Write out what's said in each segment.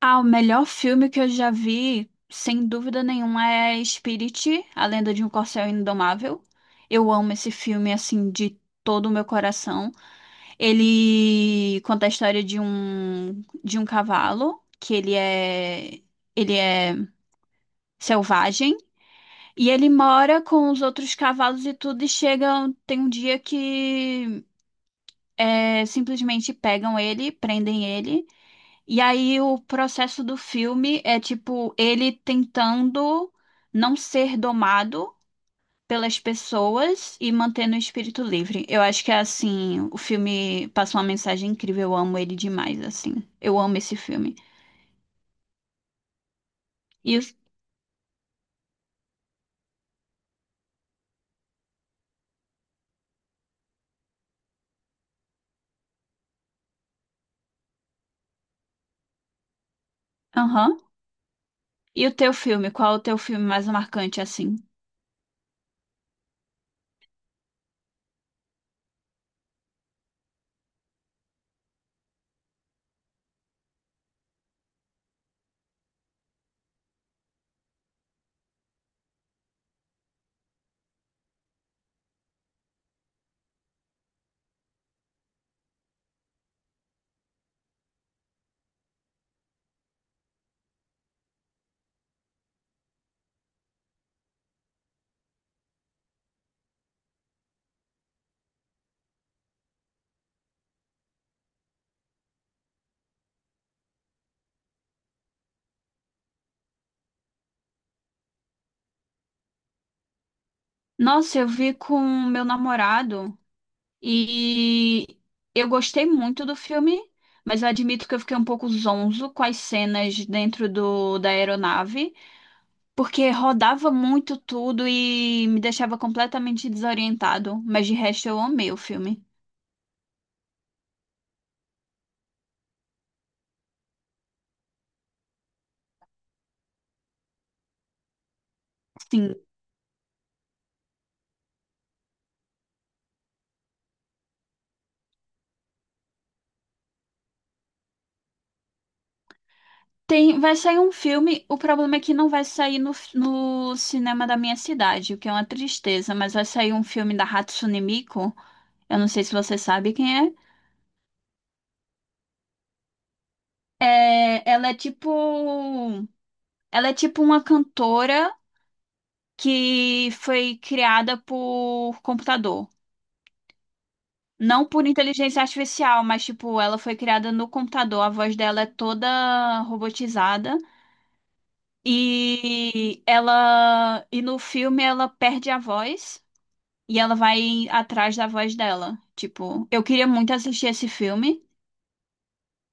Ah, o melhor filme que eu já vi, sem dúvida nenhuma, é Spirit, A Lenda de um Corcel Indomável. Eu amo esse filme, assim, de todo o meu coração. Ele conta a história de um cavalo, que ele é selvagem, e ele mora com os outros cavalos e tudo, e chega, tem um dia que simplesmente pegam ele, prendem ele, e aí o processo do filme é tipo ele tentando não ser domado pelas pessoas e mantendo o espírito livre. Eu acho que é assim, o filme passa uma mensagem incrível, eu amo ele demais assim. Eu amo esse filme. E o, aham. E o teu filme, qual é o teu filme mais marcante assim? Nossa, eu vi com meu namorado. E eu gostei muito do filme, mas eu admito que eu fiquei um pouco zonzo com as cenas da aeronave, porque rodava muito tudo e me deixava completamente desorientado. Mas de resto, eu amei o filme. Sim. Tem, vai sair um filme, o problema é que não vai sair no cinema da minha cidade, o que é uma tristeza, mas vai sair um filme da Hatsune Miku, eu não sei se você sabe quem é. É, ela é tipo uma cantora que foi criada por computador. Não por inteligência artificial, mas tipo, ela foi criada no computador. A voz dela é toda robotizada e ela e no filme ela perde a voz e ela vai atrás da voz dela. Tipo, eu queria muito assistir esse filme.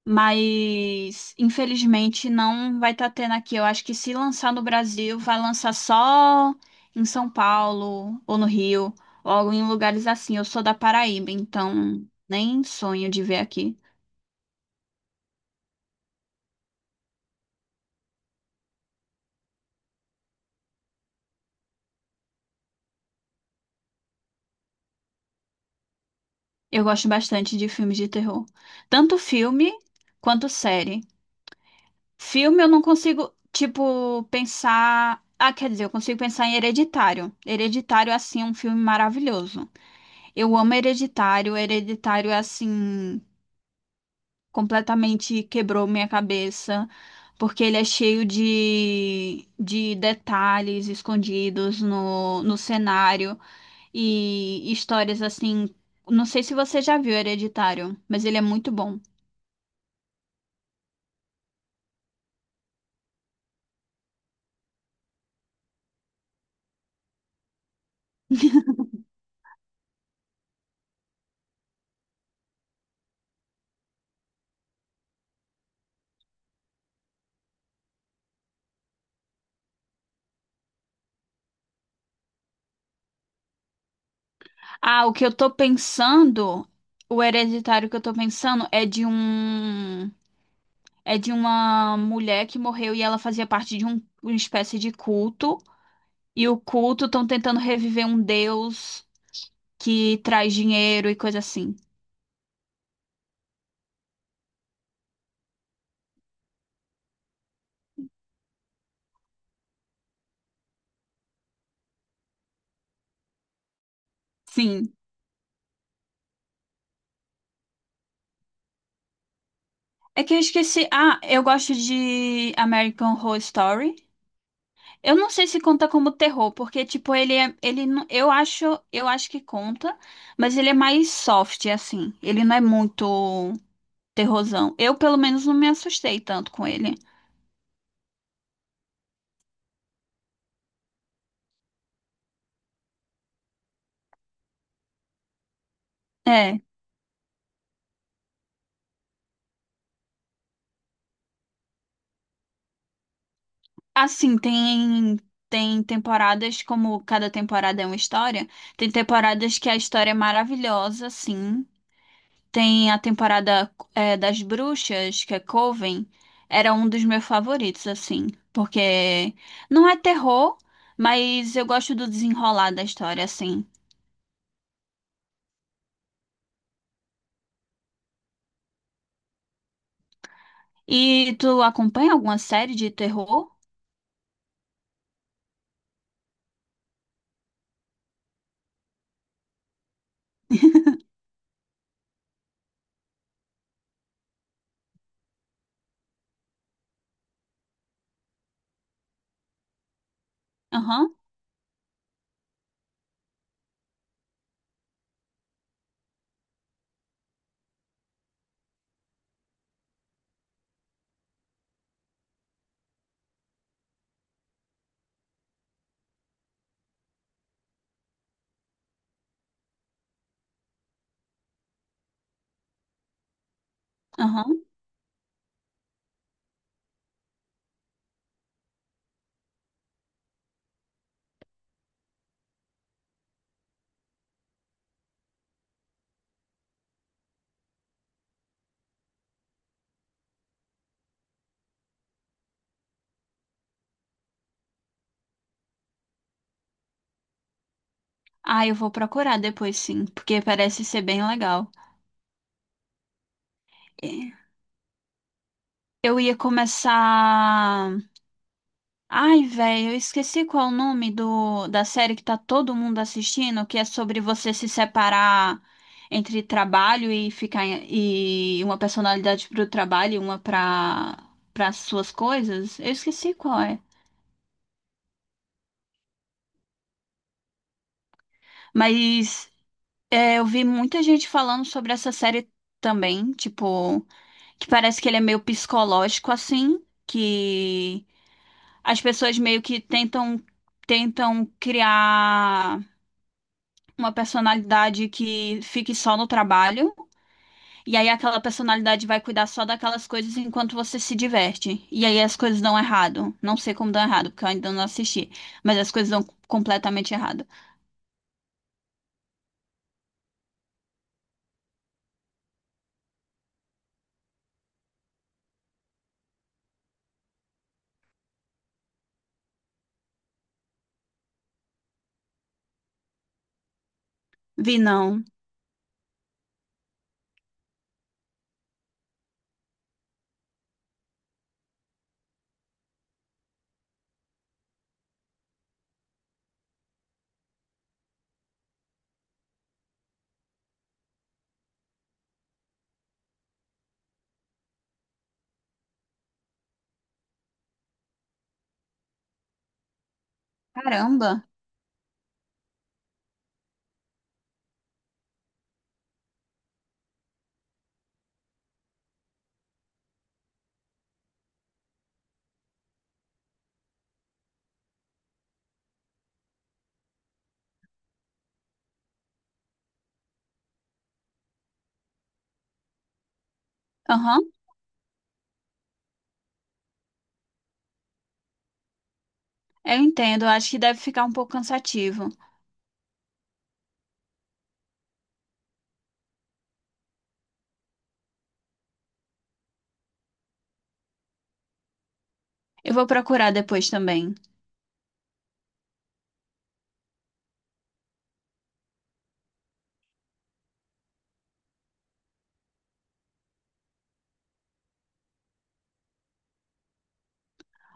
Mas, infelizmente, não vai estar tendo aqui. Eu acho que se lançar no Brasil, vai lançar só em São Paulo ou no Rio, ou em lugares assim. Eu sou da Paraíba, então nem sonho de ver aqui. Eu gosto bastante de filmes de terror, tanto filme quanto série. Filme eu não consigo, tipo, pensar. Ah, quer dizer, eu consigo pensar em Hereditário. Hereditário, assim, é um filme maravilhoso. Eu amo Hereditário. Hereditário é assim, completamente quebrou minha cabeça, porque ele é cheio de detalhes escondidos no cenário e histórias assim. Não sei se você já viu Hereditário, mas ele é muito bom. Ah, o que eu tô pensando, o Hereditário que eu tô pensando é de um. É de uma mulher que morreu e ela fazia parte uma espécie de culto. E o culto estão tentando reviver um deus que traz dinheiro e coisa assim. Sim. É que eu esqueci. Ah, eu gosto de American Horror Story. Eu não sei se conta como terror, porque tipo ele é, ele não- eu acho que conta, mas ele é mais soft assim. Ele não é muito terrorzão. Eu pelo menos não me assustei tanto com ele. É, assim, tem temporadas como cada temporada é uma história. Tem temporadas que a história é maravilhosa, assim. Tem a temporada é, das bruxas, que é Coven, era um dos meus favoritos, assim, porque não é terror, mas eu gosto do desenrolar da história, assim. E tu acompanha alguma série de terror? Aham, aham. Ah, eu vou procurar depois, sim, porque parece ser bem legal. É. Eu ia começar. Ai, velho, eu esqueci qual é o nome da série que tá todo mundo assistindo, que é sobre você se separar entre trabalho e uma personalidade pro trabalho e uma pra para suas coisas. Eu esqueci qual é. Mas é, eu vi muita gente falando sobre essa série também, tipo, que parece que ele é meio psicológico assim, que as pessoas meio que tentam criar uma personalidade que fique só no trabalho, e aí aquela personalidade vai cuidar só daquelas coisas enquanto você se diverte. E aí as coisas dão errado. Não sei como dão errado, porque eu ainda não assisti, mas as coisas dão completamente errado. Vi não. Caramba. Aham, eu entendo. Acho que deve ficar um pouco cansativo. Eu vou procurar depois também.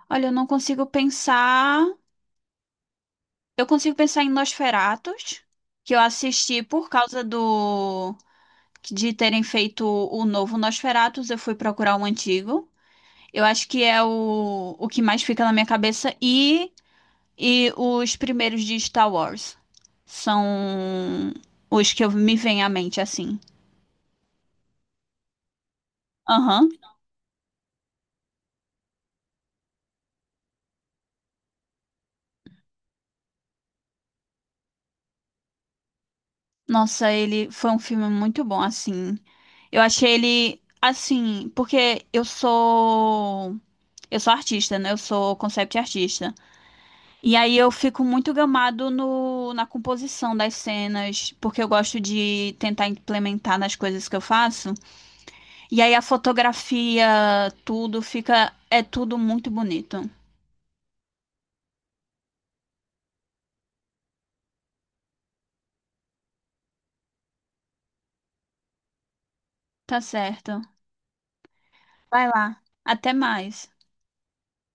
Olha, eu não consigo pensar. Eu consigo pensar em Nosferatus, que eu assisti por causa do de terem feito o novo Nosferatus, eu fui procurar o antigo. Eu acho que é o que mais fica na minha cabeça. E os primeiros de Star Wars. São os que eu, me vem à mente, assim. Aham. Nossa, ele foi um filme muito bom, assim. Eu achei ele, assim, porque eu sou. Eu sou artista, né? Eu sou concept artista. E aí eu fico muito gamado no, na composição das cenas, porque eu gosto de tentar implementar nas coisas que eu faço. E aí a fotografia, tudo fica, é tudo muito bonito. Tá certo. Vai lá. Até mais.